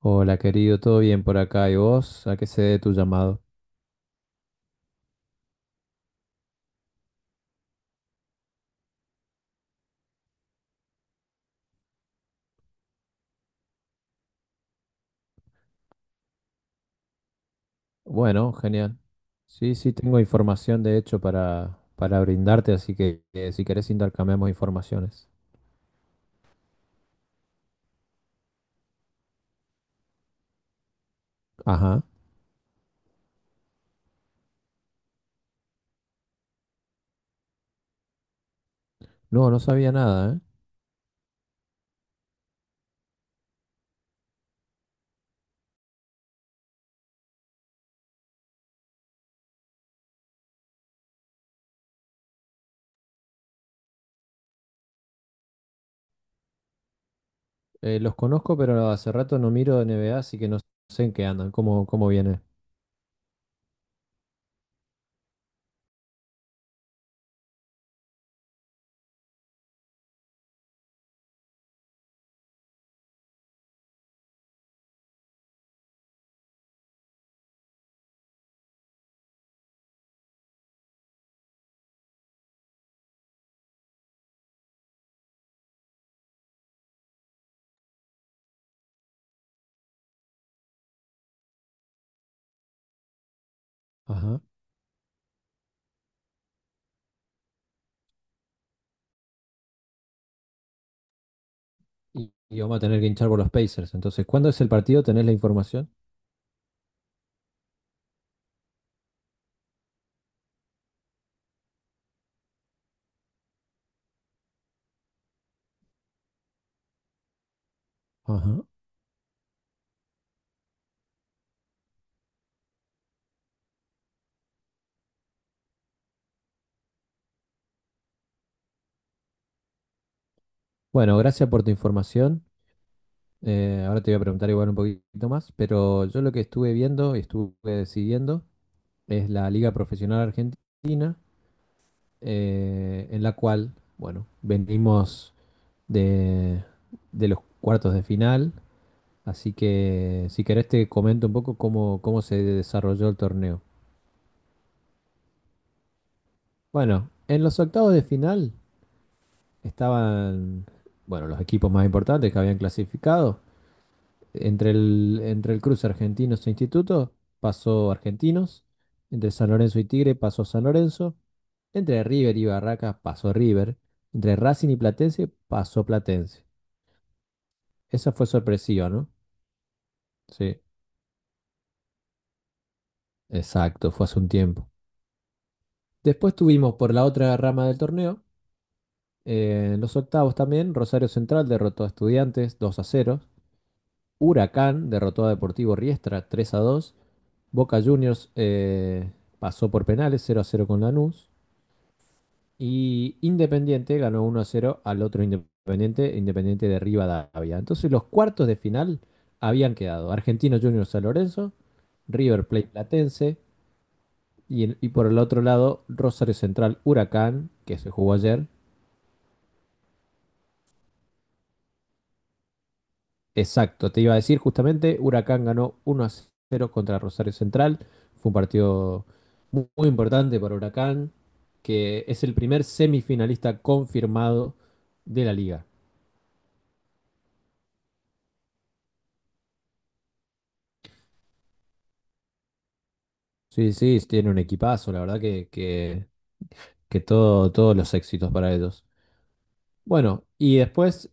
Hola, querido, ¿todo bien por acá? ¿Y vos? ¿A qué se debe tu llamado? Bueno, genial. Sí, sí, tengo información de hecho para brindarte, así que si querés intercambiamos informaciones. Ajá. No, no sabía nada, ¿eh? Los conozco, pero hace rato no miro NBA, así que no sé en qué andan, cómo viene. Ajá. Y vamos a tener que hinchar por los Pacers. Entonces, ¿cuándo es el partido? ¿Tenés la información? Ajá. Bueno, gracias por tu información. Ahora te voy a preguntar igual un poquito más, pero yo lo que estuve viendo y estuve siguiendo es la Liga Profesional Argentina, en la cual, bueno, venimos de, de los cuartos de final, así que si querés te comento un poco cómo se desarrolló el torneo. Bueno, en los octavos de final estaban, bueno, los equipos más importantes que habían clasificado. Entre el cruce Argentinos e Instituto pasó Argentinos, entre San Lorenzo y Tigre pasó San Lorenzo, entre River y Barracas pasó River, entre Racing y Platense pasó Platense. Esa fue sorpresiva, ¿no? Sí, exacto, fue hace un tiempo. Después tuvimos por la otra rama del torneo, en los octavos también, Rosario Central derrotó a Estudiantes 2-0. Huracán derrotó a Deportivo Riestra 3-2. Boca Juniors pasó por penales 0-0 con Lanús. Y Independiente ganó 1-0 al otro Independiente, Independiente de Rivadavia. Entonces los cuartos de final habían quedado Argentino Juniors San Lorenzo, River Plate Platense y por el otro lado Rosario Central Huracán, que se jugó ayer. Exacto, te iba a decir justamente, Huracán ganó 1-0 contra Rosario Central. Fue un partido muy importante para Huracán, que es el primer semifinalista confirmado de la liga. Sí, sí, tiene un equipazo, la verdad que todos los éxitos para ellos. Bueno, y después,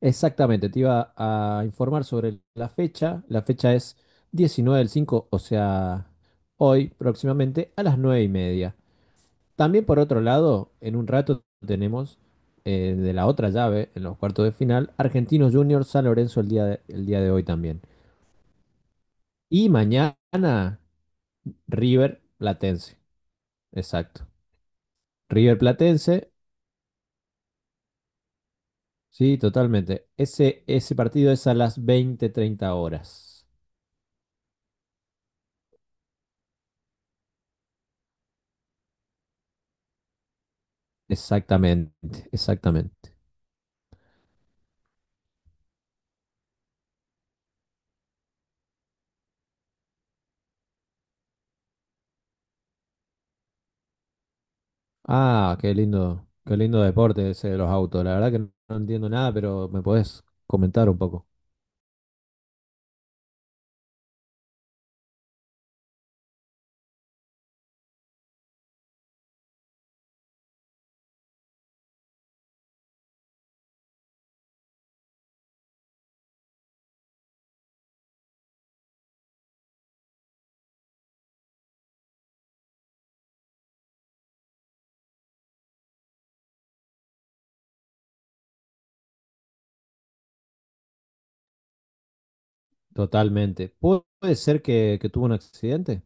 exactamente, te iba a informar sobre la fecha. La fecha es 19/5, o sea, hoy próximamente a las 9:30. También por otro lado, en un rato tenemos de la otra llave, en los cuartos de final, Argentinos Juniors San Lorenzo el día de hoy también. Y mañana, River Platense, exacto. River Platense. Sí, totalmente. Ese partido es a las 20:30 horas. Exactamente, exactamente. Ah, qué lindo deporte ese de los autos. La verdad que no entiendo nada, pero me podés comentar un poco. Totalmente. ¿Puede ser que tuvo un accidente?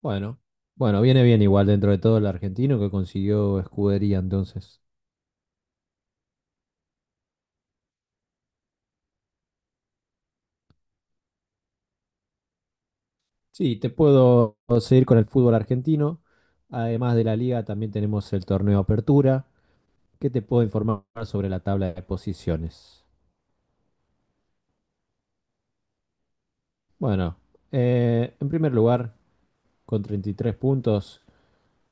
Bueno, bueno, viene bien igual dentro de todo el argentino que consiguió escudería entonces. Sí, te puedo seguir con el fútbol argentino. Además de la liga, también tenemos el torneo Apertura. ¿Qué te puedo informar sobre la tabla de posiciones? Bueno, en primer lugar, con 33 puntos,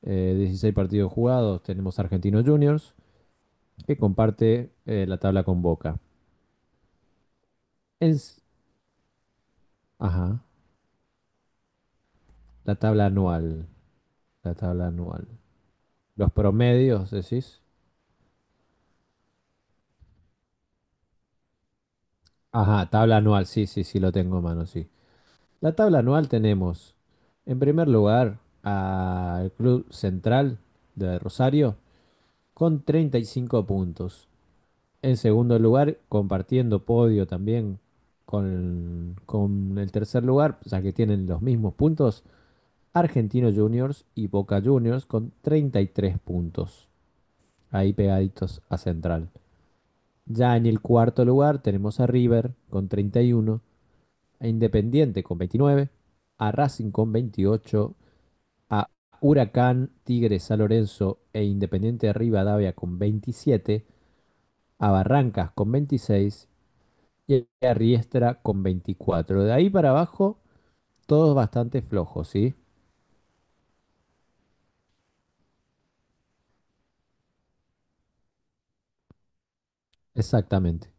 16 partidos jugados, tenemos Argentinos Juniors, que comparte la tabla con Boca. En, ajá, la tabla anual. La tabla anual. Los promedios, decís. Ajá, tabla anual, sí, sí, sí, lo tengo en mano, sí. La tabla anual tenemos, en primer lugar, al Club Central de Rosario con 35 puntos. En segundo lugar, compartiendo podio también con el tercer lugar, ya que tienen los mismos puntos, Argentinos Juniors y Boca Juniors con 33 puntos, ahí pegaditos a Central. Ya en el cuarto lugar tenemos a River con 31, a Independiente con 29, a Racing con 28, a Huracán, Tigres, San Lorenzo e Independiente de Rivadavia con 27, a Barrancas con 26 y a Riestra con 24. De ahí para abajo, todos bastante flojos, ¿sí? Exactamente,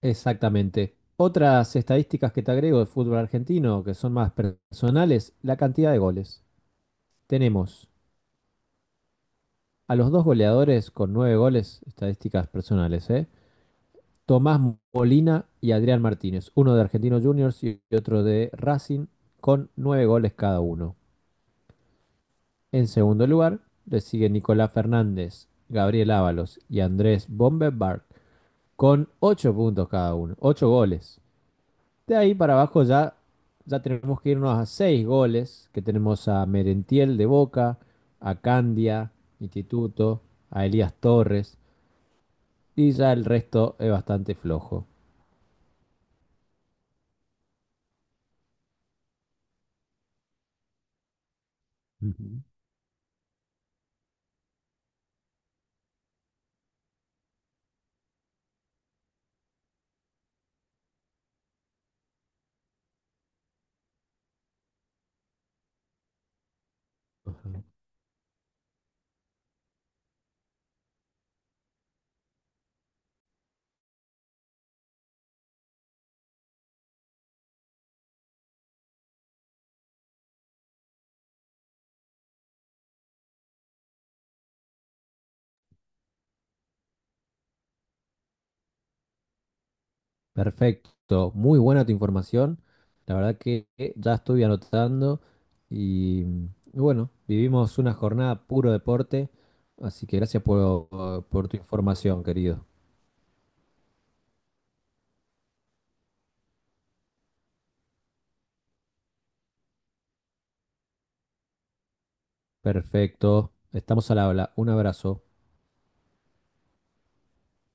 exactamente. Otras estadísticas que te agrego de fútbol argentino, que son más personales, la cantidad de goles. Tenemos a los dos goleadores con nueve goles, estadísticas personales, ¿eh? Tomás Molina y Adrián Martínez, uno de Argentinos Juniors y otro de Racing, con nueve goles cada uno. En segundo lugar, le sigue Nicolás Fernández, Gabriel Ábalos y Andrés Bomberg con 8 puntos cada uno, 8 goles. De ahí para abajo ya, ya tenemos que irnos a 6 goles, que tenemos a Merentiel de Boca, a Candia, Instituto, a Elías Torres, y ya el resto es bastante flojo. Ujú. Perfecto, muy buena tu información. La verdad que ya estoy anotando y bueno, vivimos una jornada puro deporte, así que gracias por tu información, querido. Perfecto, estamos al habla. Un abrazo.